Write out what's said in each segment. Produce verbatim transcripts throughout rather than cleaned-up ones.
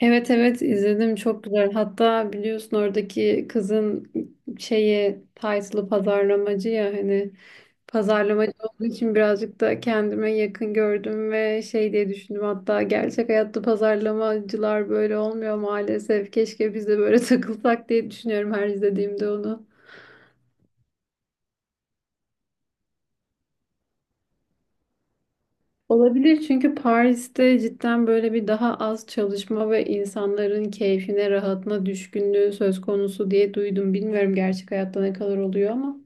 Evet evet izledim, çok güzel. Hatta biliyorsun oradaki kızın şeyi title'ı pazarlamacı ya, hani pazarlamacı olduğu için birazcık da kendime yakın gördüm ve şey diye düşündüm, hatta gerçek hayatta pazarlamacılar böyle olmuyor maalesef. Keşke biz de böyle takılsak diye düşünüyorum her izlediğimde onu. Olabilir, çünkü Paris'te cidden böyle bir daha az çalışma ve insanların keyfine, rahatına düşkünlüğü söz konusu diye duydum. Bilmiyorum gerçek hayatta ne kadar oluyor ama.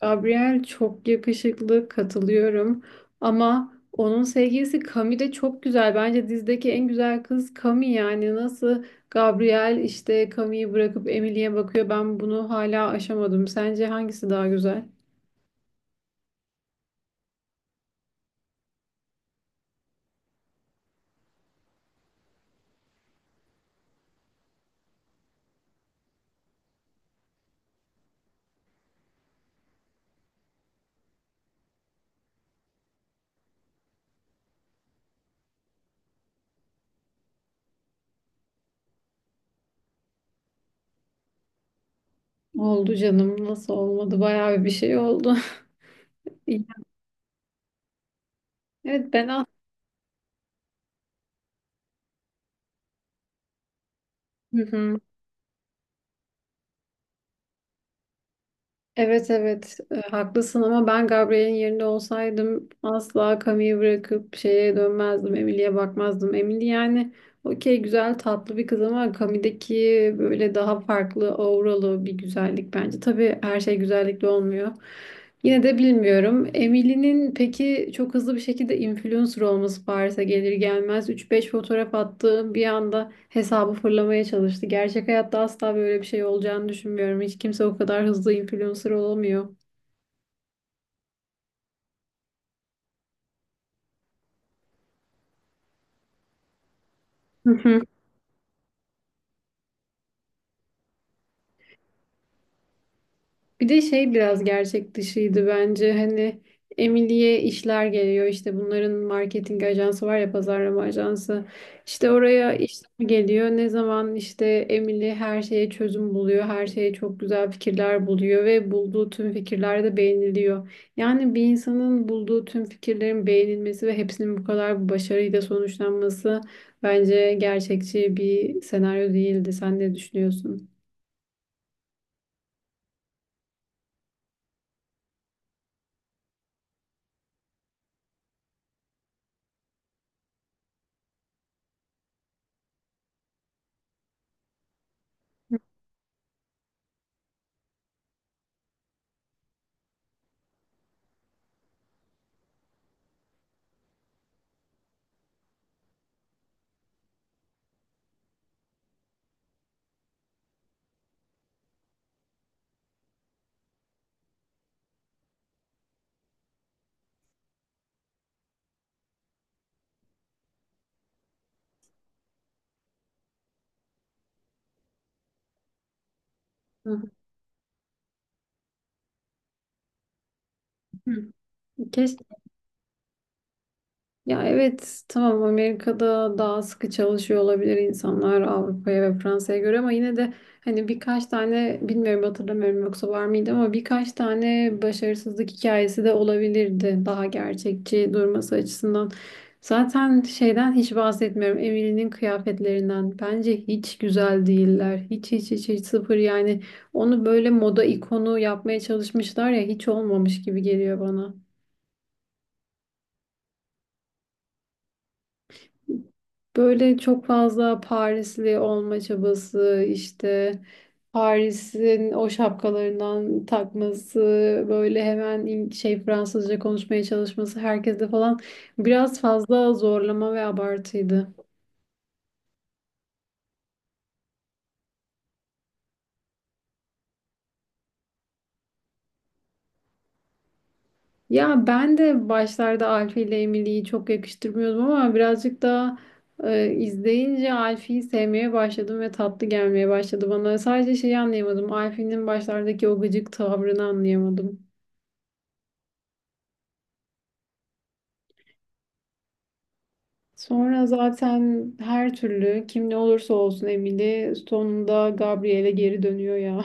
Gabriel çok yakışıklı, katılıyorum. Ama onun sevgilisi Cami de çok güzel. Bence dizideki en güzel kız Cami, yani nasıl Gabriel işte Cami'yi bırakıp Emily'e bakıyor. Ben bunu hala aşamadım. Sence hangisi daha güzel? Oldu canım, nasıl olmadı? Bayağı bir şey oldu. İyi. Evet ben Hı hı. Evet evet, E, haklısın ama ben Gabriel'in yerinde olsaydım asla Camille'i bırakıp şeye dönmezdim. Emily'e bakmazdım. Emily, yani okey, güzel tatlı bir kız ama Camille'deki böyle daha farklı auralı bir güzellik bence. Tabii her şey güzellikle olmuyor. Yine de bilmiyorum. Emily'nin peki çok hızlı bir şekilde influencer olması, Paris'e gelir gelmez üç beş fotoğraf attı. Bir anda hesabı fırlamaya çalıştı. Gerçek hayatta asla böyle bir şey olacağını düşünmüyorum. Hiç kimse o kadar hızlı influencer olamıyor. Bir de şey biraz gerçek dışıydı bence. Hani Emily'ye işler geliyor. İşte bunların marketing ajansı var ya, pazarlama ajansı. İşte oraya işler geliyor. Ne zaman işte Emily her şeye çözüm buluyor. Her şeye çok güzel fikirler buluyor ve bulduğu tüm fikirler de beğeniliyor. Yani bir insanın bulduğu tüm fikirlerin beğenilmesi ve hepsinin bu kadar bu başarıyla sonuçlanması bence gerçekçi bir senaryo değildi. Sen ne düşünüyorsun? Hı hı. Keşke. Ya evet, tamam, Amerika'da daha sıkı çalışıyor olabilir insanlar Avrupa'ya ve Fransa'ya göre ama yine de hani birkaç tane, bilmiyorum hatırlamıyorum yoksa var mıydı, ama birkaç tane başarısızlık hikayesi de olabilirdi daha gerçekçi durması açısından. Zaten şeyden hiç bahsetmiyorum, Emily'nin kıyafetlerinden, bence hiç güzel değiller, hiç hiç hiç hiç sıfır yani. Onu böyle moda ikonu yapmaya çalışmışlar ya, hiç olmamış gibi geliyor bana. Böyle çok fazla Parisli olma çabası, işte Paris'in o şapkalarından takması, böyle hemen İng- şey Fransızca konuşmaya çalışması herkeste falan, biraz fazla zorlama ve abartıydı. Ya ben de başlarda Alfie ile Emily'yi çok yakıştırmıyordum ama birazcık daha e, izleyince Alfie'yi sevmeye başladım ve tatlı gelmeye başladı bana. Sadece şeyi anlayamadım, Alfie'nin başlardaki o gıcık tavrını anlayamadım. Sonra zaten her türlü kim ne olursa olsun Emily sonunda Gabriel'e geri dönüyor ya.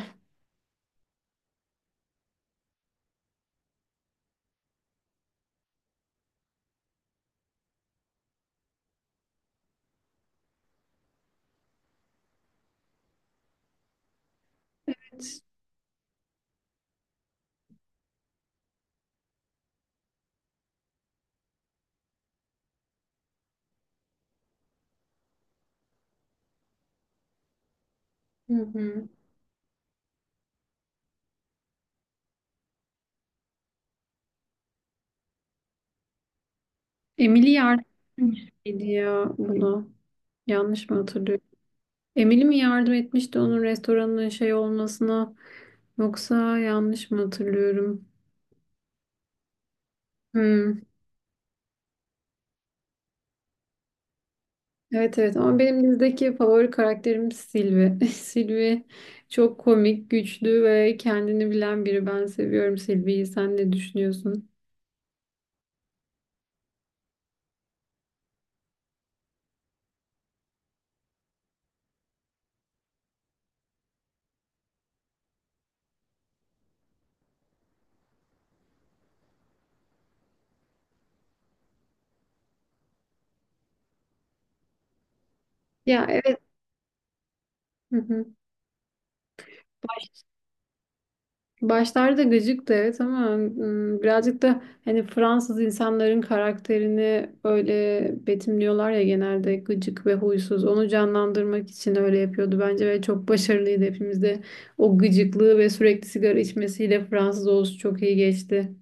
Evet. Hı hı. Emily yardım etmişti ya buna. Yanlış mı hatırlıyorum? Emily mi yardım etmişti onun restoranın şey olmasına? Yoksa yanlış mı hatırlıyorum? Hmm. Evet evet, ama benim dizideki favori karakterim Sylvie. Sylvie çok komik, güçlü ve kendini bilen biri. Ben seviyorum Sylvie'yi. Sen ne düşünüyorsun? Ya evet. Hı hı. Başlarda gıcıktı evet ama mm, birazcık da hani Fransız insanların karakterini öyle betimliyorlar ya, genelde gıcık ve huysuz. Onu canlandırmak için öyle yapıyordu bence ve çok başarılıydı hepimizde. O gıcıklığı ve sürekli sigara içmesiyle Fransız olsun çok iyi geçti.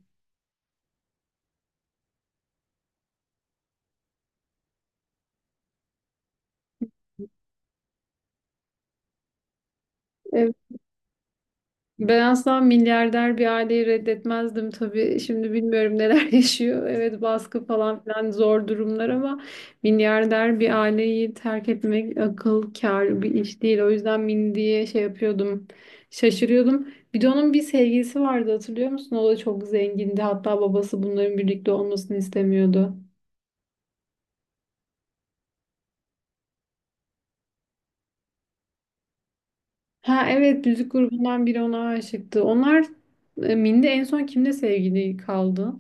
Ben asla milyarder bir aileyi reddetmezdim tabii. Şimdi bilmiyorum neler yaşıyor. Evet, baskı falan filan, zor durumlar ama milyarder bir aileyi terk etmek akıl kâr bir iş değil. O yüzden min diye şey yapıyordum. Şaşırıyordum. Bir de onun bir sevgilisi vardı, hatırlıyor musun? O da çok zengindi. Hatta babası bunların birlikte olmasını istemiyordu. Ha evet, müzik grubundan biri ona aşıktı. Onlar e, Minde en son kimle sevgili kaldı?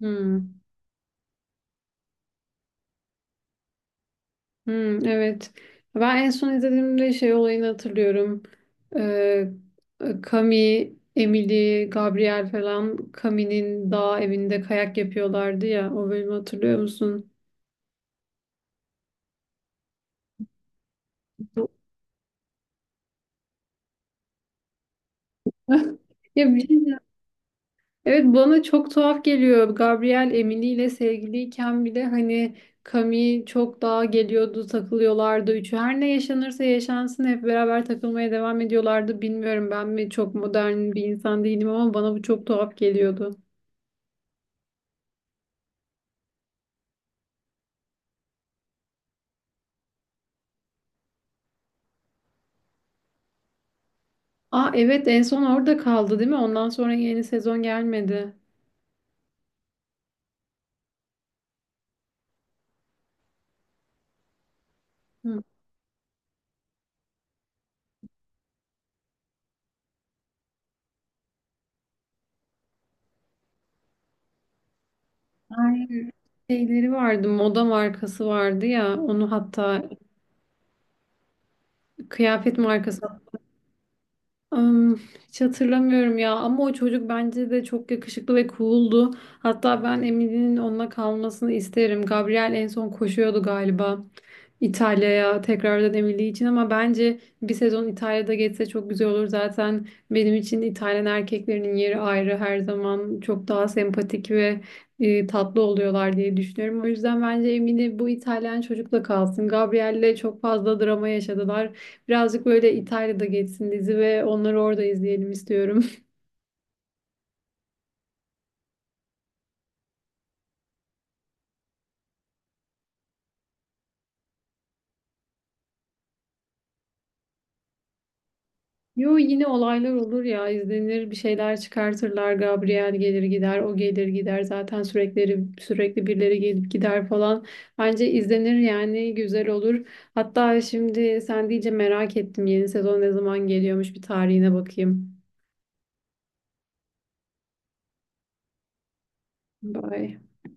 Hmm. Hmm, evet. Ben en son izlediğimde şey olayını hatırlıyorum. Ee, Kami, Emily, Gabriel falan Kami'nin dağ evinde kayak yapıyorlardı ya. O bölümü hatırlıyor musun? Ya bir şey Evet, bana çok tuhaf geliyor. Gabriel Emily ile sevgiliyken bile hani Camille çok daha geliyordu, takılıyorlardı. Üçü her ne yaşanırsa yaşansın hep beraber takılmaya devam ediyorlardı. Bilmiyorum ben mi çok modern bir insan değilim ama bana bu çok tuhaf geliyordu. Aa evet, en son orada kaldı değil mi? Ondan sonra yeni sezon gelmedi. Hı. Ay, şeyleri vardı, moda markası vardı ya onu, hatta kıyafet markası. Am, Hiç hatırlamıyorum ya ama o çocuk bence de çok yakışıklı ve cool'du. Hatta ben Emily'nin onunla kalmasını isterim. Gabriel en son koşuyordu galiba İtalya'ya tekrardan Emily için ama bence bir sezon İtalya'da geçse çok güzel olur. Zaten benim için İtalyan erkeklerinin yeri ayrı, her zaman çok daha sempatik ve e, tatlı oluyorlar diye düşünüyorum. O yüzden bence Emily bu İtalyan çocukla kalsın. Gabriel'le çok fazla drama yaşadılar. Birazcık böyle İtalya'da geçsin dizi ve onları orada izleyelim istiyorum. Yo, yine olaylar olur ya, izlenir, bir şeyler çıkartırlar. Gabriel gelir gider, o gelir gider. Zaten sürekli sürekli birileri gelip gider falan. Bence izlenir yani, güzel olur. Hatta şimdi sen deyince merak ettim, yeni sezon ne zaman geliyormuş bir tarihine bakayım. Bye.